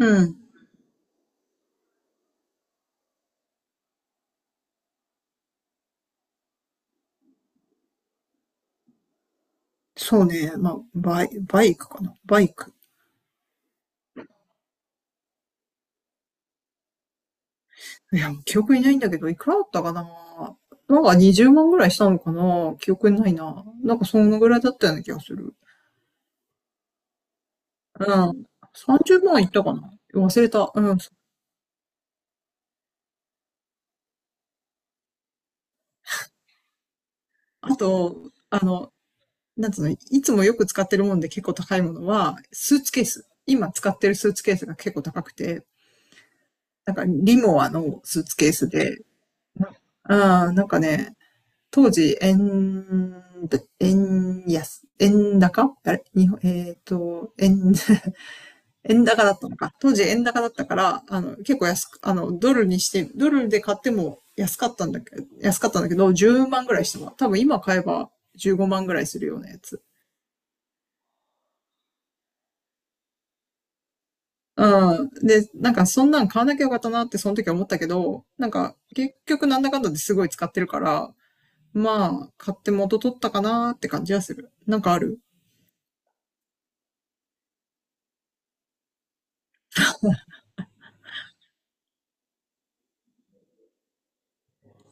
うん。そうね。まあ、バイクかな。バイク。いや、記憶にないんだけど、いくらだったかな。なんか20万ぐらいしたのかな。記憶にないな。なんかそのぐらいだったような気がする。うん。30万いったかな。忘れた。うん。あと、あの、なんつうの、いつもよく使ってるもんで結構高いものは、スーツケース。今使ってるスーツケースが結構高くて、なんかリモアのスーツケースで、うん、なんかね、当時、円安、円高あれ日本、えっ、と、円、円高だったのか。当時円高だったから、結構安く、ドルにして、ドルで買っても安かったんだけど、10万ぐらいしたも多分今買えば15万ぐらいするようなやつ。うん。で、なんかそんなん買わなきゃよかったなってその時は思ったけど、なんか結局なんだかんだですごい使ってるから、まあ、買って元取ったかなーって感じはする。なんかある。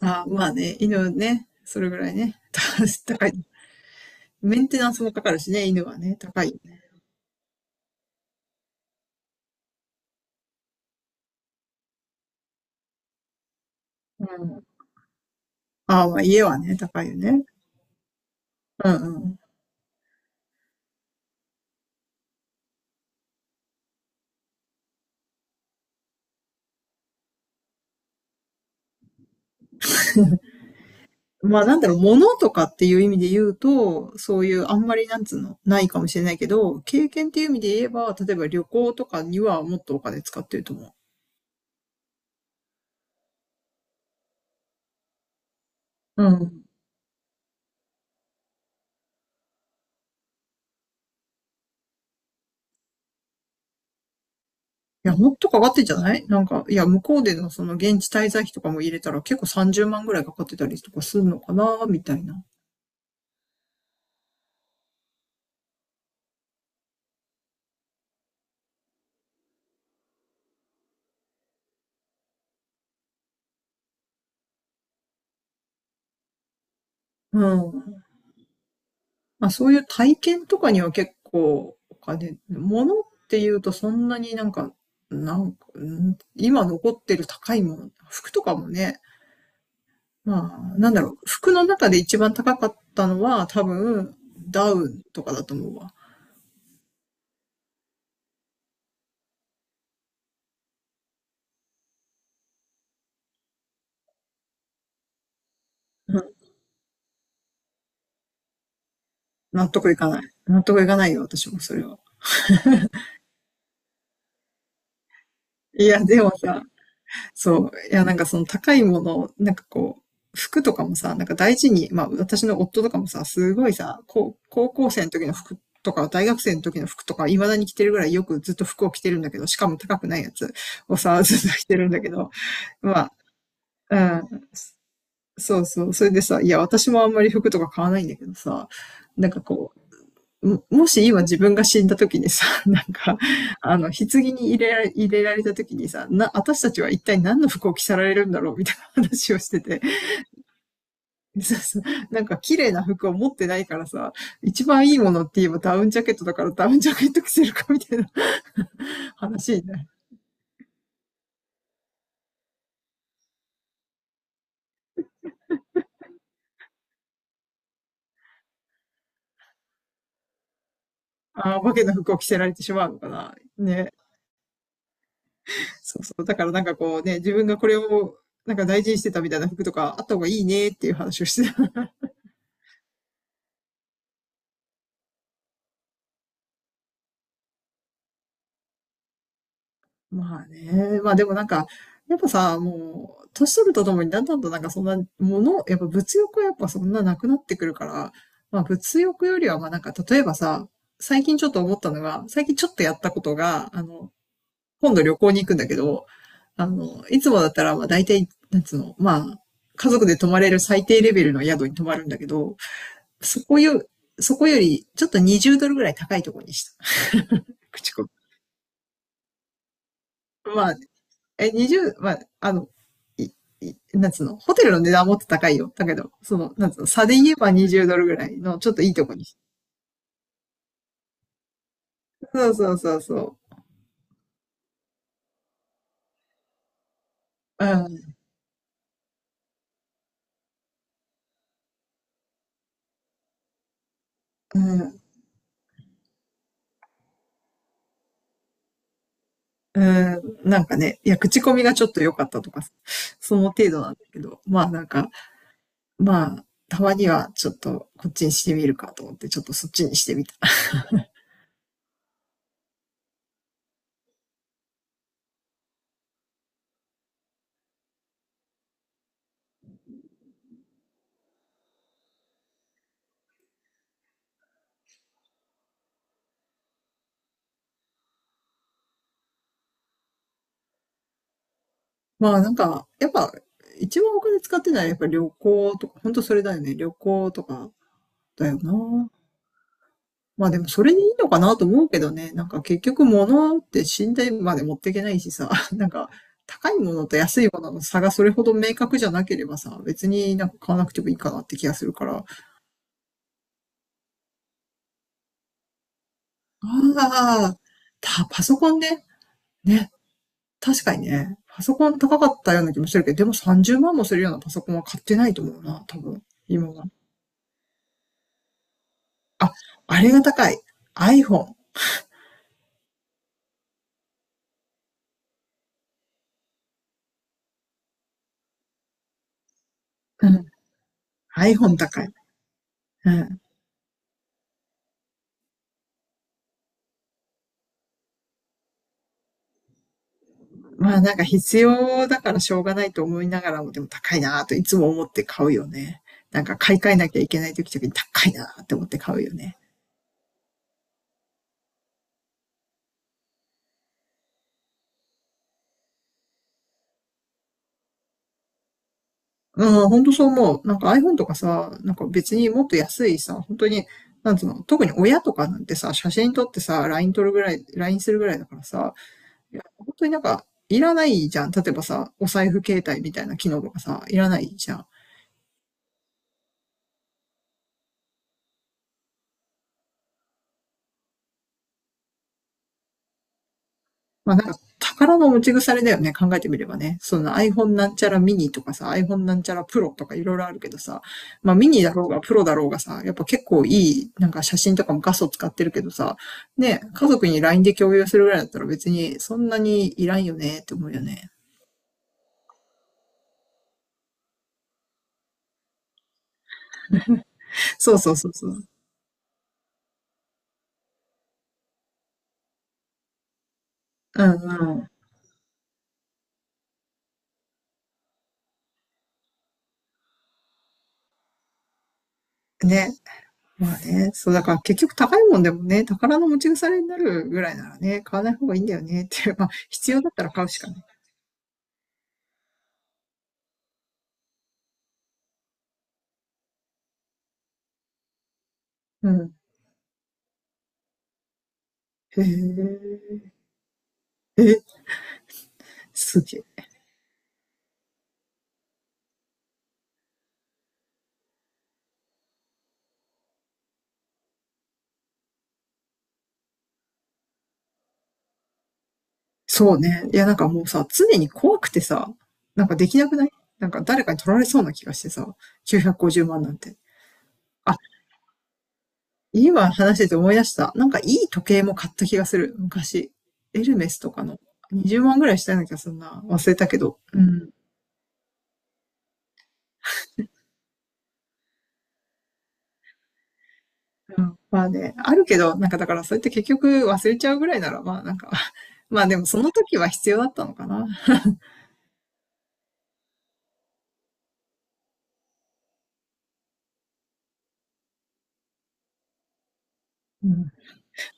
ああ、まあね、犬ね、それぐらいね。高い。メンテナンスもかかるしね、犬はね、高いよね。うん。ああ、まあ家はね、高いよね。うんうん。まあなんだろう、物とかっていう意味で言うと、そういうあんまりなんつうの、ないかもしれないけど、経験っていう意味で言えば、例えば旅行とかにはもっとお金使ってると思う。うん。いや、もっとかかってんじゃない、なんか、いや、向こうでのその現地滞在費とかも入れたら結構30万ぐらいかかってたりとかするのかな、みたいな。うん。まあ、そういう体験とかには結構お金、物っていうとそんなになんか、なんか、うん今残ってる高いもの、服とかもね、まあ、なんだろう、服の中で一番高かったのは多分、ダウンとかだと思うわ。うん。納得いかない。納得いかないよ、私もそれは。いや、でもさ、そう。いや、なんかその高いもの、服とかもさ、なんか大事に、まあ私の夫とかもさ、すごいさ、こう高校生の時の服とか、大学生の時の服とか、未だに着てるぐらいよくずっと服を着てるんだけど、しかも高くないやつをさ、ずっと着てるんだけど、まあ、うん、そうそう。それでさ、いや、私もあんまり服とか買わないんだけどさ、なんかこう、もし今自分が死んだ時にさ、なんか、あの、棺に入れられ、入れられた時にさ、私たちは一体何の服を着せられるんだろうみたいな話をしてて、そうそう、なんか綺麗な服を持ってないからさ、一番いいものって言えばダウンジャケットだからダウンジャケット着せるかみたいな 話になる。ああ、お化けの服を着せられてしまうのかな。ね。そうそう。だからなんかこうね、自分がこれをなんか大事にしてたみたいな服とかあった方がいいねっていう話をしてた。まあね。まあでもなんか、やっぱさ、もう、年取るとともにだんだんとなんかそんなもの、やっぱ物欲はやっぱそんななくなってくるから、まあ物欲よりはまあなんか例えばさ、最近ちょっと思ったのが、最近ちょっとやったことが、あの、今度旅行に行くんだけど、あの、いつもだったらまあ大体、なんつうの、まあ、家族で泊まれる最低レベルの宿に泊まるんだけど、そこよ、そこよりちょっと20ドルぐらい高いところにした。口コミ。まあ、え、20、まあ、あの、い、い、なんつうの、ホテルの値段はもっと高いよ。だけど、その、なんつうの、差で言えば20ドルぐらいの、ちょっといいとこに。そうそうそうそう。うん、うん、うん、なんかね、いや、口コミがちょっと良かったとか、その程度なんだけど、まあなんか、まあ、たまにはちょっとこっちにしてみるかと思って、ちょっとそっちにしてみた。まあなんか、やっぱ、一番お金使ってないのはやっぱ旅行とか、ほんとそれだよね。旅行とかだよな。まあでもそれでいいのかなと思うけどね。なんか結局物って信頼まで持っていけないしさ、なんか高いものと安いものの差がそれほど明確じゃなければさ、別になんか買わなくてもいいかなって気がするから。ああ、パソコンね。ね。確かにね。パソコン高かったような気もするけど、でも30万もするようなパソコンは買ってないと思うな、多分。今は。あ、あれが高い。iPhone。うん。iPhone 高い。うん。まあなんか必要だからしょうがないと思いながらも、でも高いなぁといつも思って買うよね。なんか買い替えなきゃいけない時とに高いなぁって思って買うよね。うん、ほんとそう思う。なんか iPhone とかさ、なんか別にもっと安いさ、本当に、なんつうの、特に親とかなんてさ、写真撮ってさ、LINE するぐらいだからさ、いや、本当になんかいらないじゃん。例えばさ、お財布携帯みたいな機能とかさ、いらないじゃん。まあなんか、宝の持ち腐れだよね、考えてみればね。その iPhone なんちゃらミニとかさ、iPhone なんちゃらプロとかいろいろあるけどさ、まあミニだろうがプロだろうがさ、やっぱ結構いい、なんか写真とかも画素使ってるけどさ、ね、家族に LINE で共有するぐらいだったら別にそんなにいらんよねって思うよね。そうそうそうそう。うんうん。ね。まあね、そうだから結局高いもんでもね、宝の持ち腐れになるぐらいならね、買わない方がいいんだよねって、まあ必要だったら買うしかない。うん。へえ。え、すげえ。そうね。いや、なんかもうさ、常に怖くてさ、なんかできなくない？なんか誰かに取られそうな気がしてさ、950万なんて。あ、今話してて思い出した。なんかいい時計も買った気がする。昔。エルメスとかの。20万ぐらいしたような気がするな。忘れたけど。うん。うん、まあね、あるけど、なんかだからそうやって結局忘れちゃうぐらいなら、まあなんか まあでもその時は必要だったのかな。うん。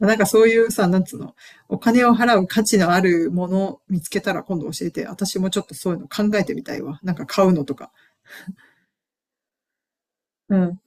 なんかそういうさ、なんつうの、お金を払う価値のあるものを見つけたら今度教えて、私もちょっとそういうの考えてみたいわ。なんか買うのとか。うん。